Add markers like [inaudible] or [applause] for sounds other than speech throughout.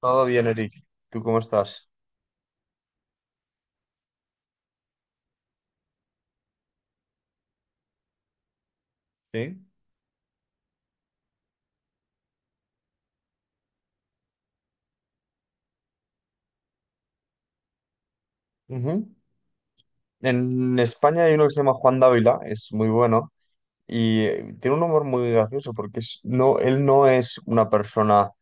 Todo bien, Eric. ¿Tú cómo estás? Sí. Ujú. En España hay uno que se llama Juan Dávila, es muy bueno. Y tiene un humor muy gracioso porque no, él no es una persona, o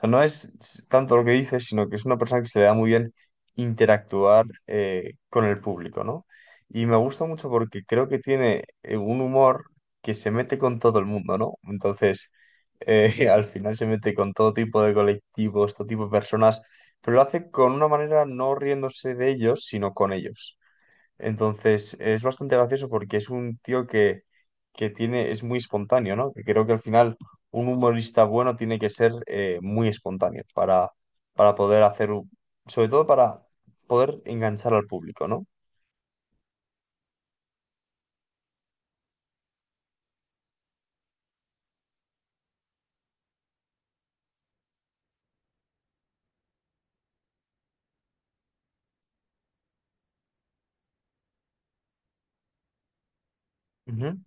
sea, no es tanto lo que dice, sino que es una persona que se le da muy bien interactuar con el público, ¿no? Y me gusta mucho porque creo que tiene un humor que se mete con todo el mundo, ¿no? Entonces, eh, [laughs] al final se mete con todo tipo de colectivos, todo tipo de personas, pero lo hace con una manera no riéndose de ellos, sino con ellos. Entonces, es bastante gracioso porque es un tío que tiene, es muy espontáneo, ¿no? Que creo que al final un humorista bueno tiene que ser muy espontáneo para poder hacer, sobre todo para poder enganchar al público, ¿no? Ujú.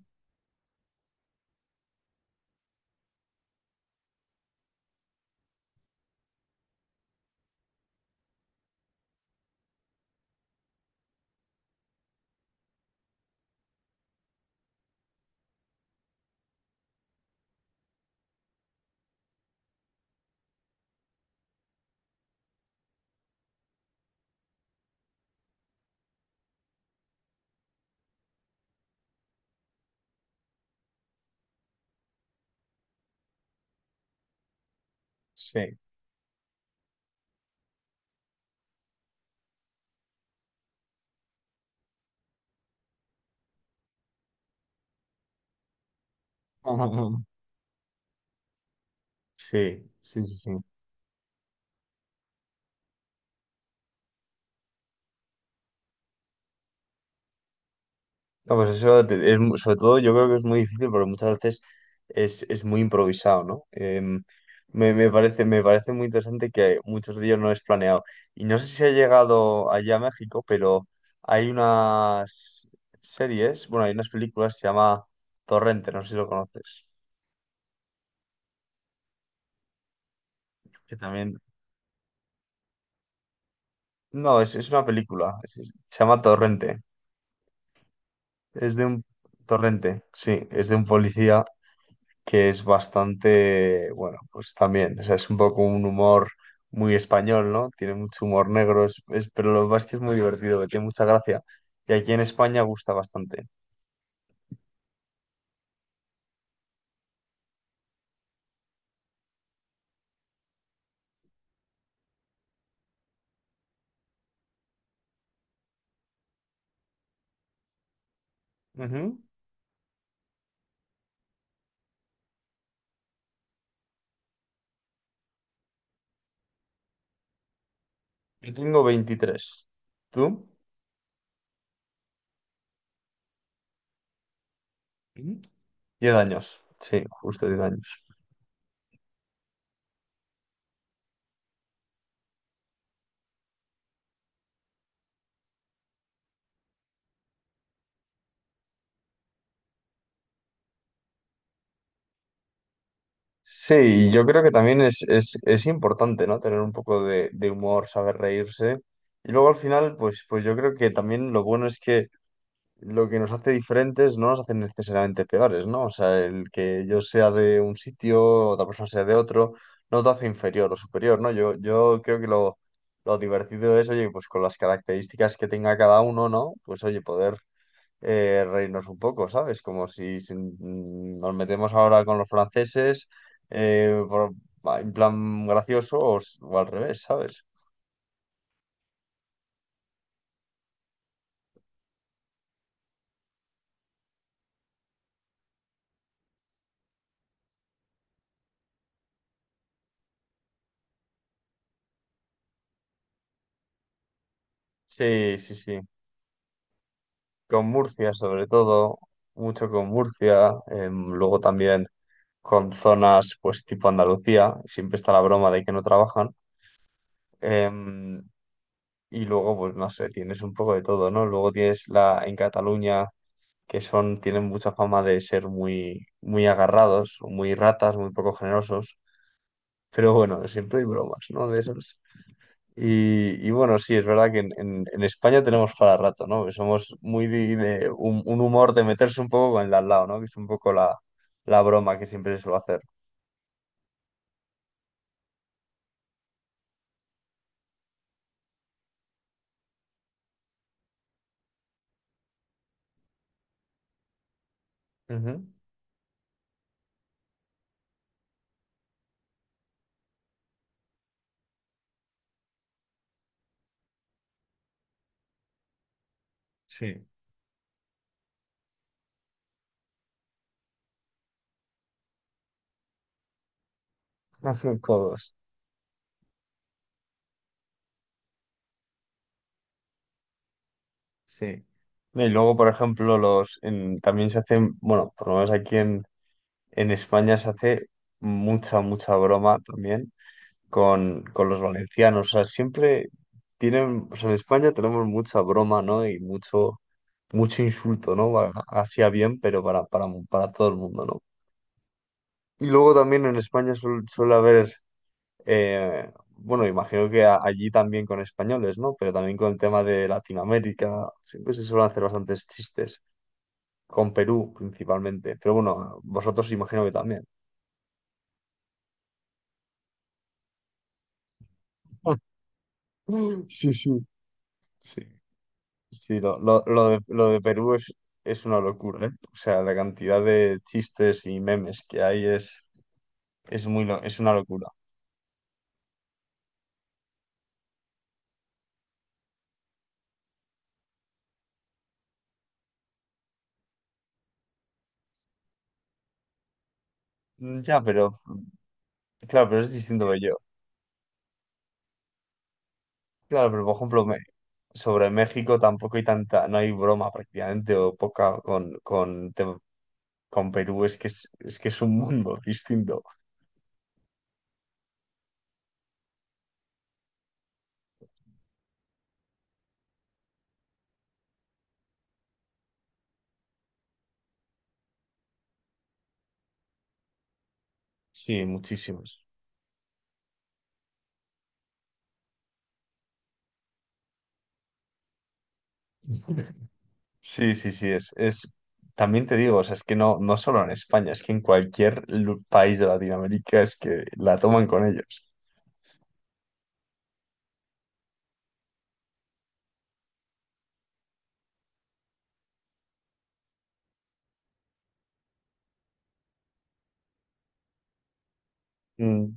Sí. [laughs] Sí, sí, sí, sí. No, pues eso sobre todo yo creo que es muy difícil porque muchas veces es muy improvisado, ¿no? Me parece muy interesante que muchos de ellos no es planeado. Y no sé si ha llegado allá a México, pero hay unas series, bueno, hay unas películas, se llama Torrente, no sé si lo conoces, que también... No, es una película, se llama Torrente, es de un... Torrente, sí, es de un policía que es bastante, bueno, pues también, o sea, es un poco un humor muy español, ¿no? Tiene mucho humor negro, pero lo más que es muy divertido, que tiene mucha gracia. Y aquí en España gusta bastante. Ujú. Yo tengo 23. ¿Tú? Ujú. 10 años. Sí, justo 10 años. Sí, yo creo que también es importante, ¿no? Tener un poco de humor, saber reírse. Y luego al final, pues yo creo que también lo bueno es que lo que nos hace diferentes no nos hace necesariamente peores, ¿no? O sea, el que yo sea de un sitio, otra persona sea de otro, no te hace inferior o superior, ¿no? Yo creo que lo divertido es, oye, pues con las características que tenga cada uno, ¿no? Pues oye, poder reírnos un poco, ¿sabes? Como si, nos metemos ahora con los franceses, eh, por- en plan gracioso o, o al revés, ¿sabes? Sí, sí, sí. Con Murcia sobre todo, mucho con Murcia, luego también con zonas pues tipo Andalucía, siempre está la broma de que no trabajan, em, y luego pues no sé, tienes un poco de todo, ¿no? Luego tienes la en Cataluña que tienen mucha fama de ser muy, muy agarrados, muy ratas, muy poco generosos, pero bueno, siempre hay bromas, ¿no? De eso. Y bueno, sí, es verdad que en España tenemos para rato, ¿no? Que somos muy de un humor de meterse un poco con el de al lado, ¿no? Que es un poco la broma que siempre se suele hacer. Ujú. Sí, [laughs] Codos. Sí. Y luego, por ejemplo, los también se hacen, bueno, por lo menos aquí en España se hace mucha, mucha broma también con los valencianos. O sea, siempre tienen, o sea, en España tenemos mucha broma, ¿no? Y mucho, mucho insulto, ¿no? Hacia bien, pero para todo el mundo, ¿no? Y luego también en España suele haber, eh, bueno, imagino que allí también con españoles, ¿no? Pero también con el tema de Latinoamérica, siempre se suelen hacer bastantes chistes, con Perú principalmente, pero bueno, vosotros imagino que también. [laughs] Sí, sí. Sí, sí, lo de Perú es una locura, ¿eh? O sea, la cantidad de chistes y memes que hay es una locura. Ya, pero. Claro, pero es distinto que yo. Claro, pero por ejemplo, sobre México tampoco hay tanta, no hay broma prácticamente, o poca con Perú, es que es un mundo [laughs] distinto. Sí, muchísimos. Sí, sí, sí, también te digo, o sea, es que no solo en España, es que en cualquier país de Latinoamérica es que la toman con ellos. Mm,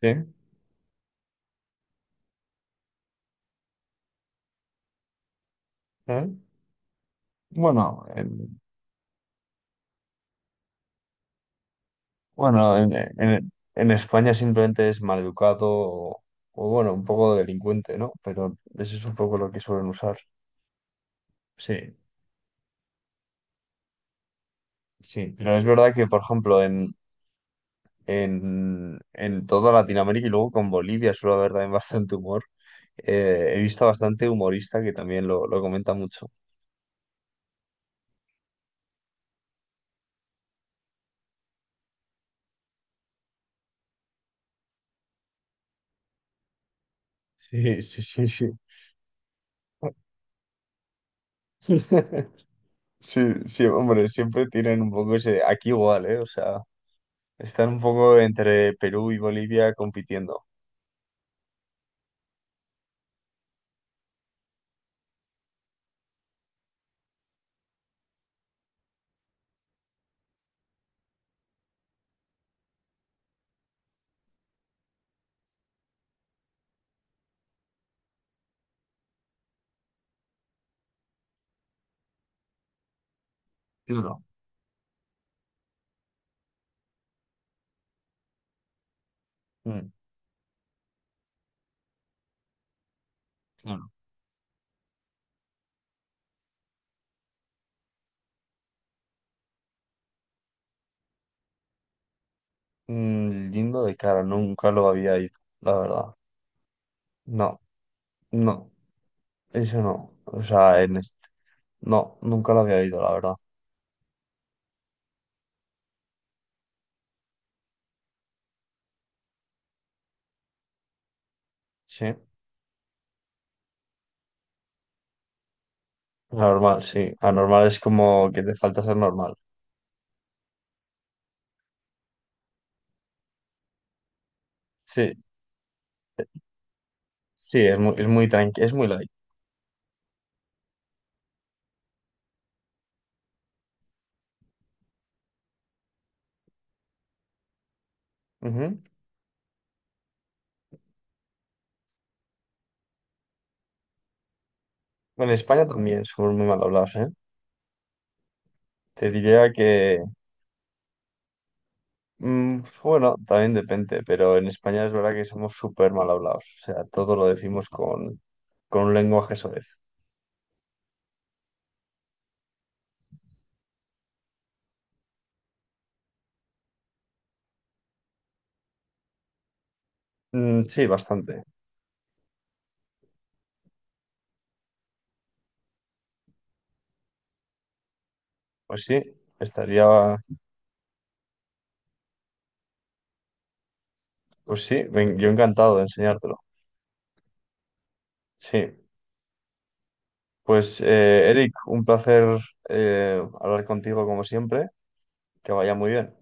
sí. ¿eh? Bueno. Bueno, en España simplemente es maleducado o, bueno, un poco delincuente, ¿no? Pero eso es un poco lo que suelen usar. Sí, sí. Pero es verdad que, por ejemplo, en toda Latinoamérica y luego con Bolivia suele haber también [laughs] bastante humor. He visto bastante humorista que también lo comenta mucho. Sí, sí, sí, sí. [laughs] Sí, sí, hombre, siempre tienen un poco ese, aquí igual, ¿eh? O sea, están un poco entre Perú y Bolivia compitiendo. Sí, ¿no? Mm, claro. Lindo de cara, nunca lo había ido, la verdad. No, no, eso no. O sea, no, nunca lo había ido, la verdad. Sí, sí. Anormal es como que te falta ser normal. Sí, sí, es muy, tranqui, es muy light. Ujú. Bueno, en España también somos muy mal hablados, ¿eh? Te diría que, bueno, también depende, pero en España es verdad que somos súper mal hablados. O sea, todo lo decimos con un lenguaje soez. Mm, sí, bastante. Pues sí, estaría, pues sí, ven- yo encantado de enseñártelo. Sí, pues Eric, un placer hablar contigo como siempre, que vaya muy bien.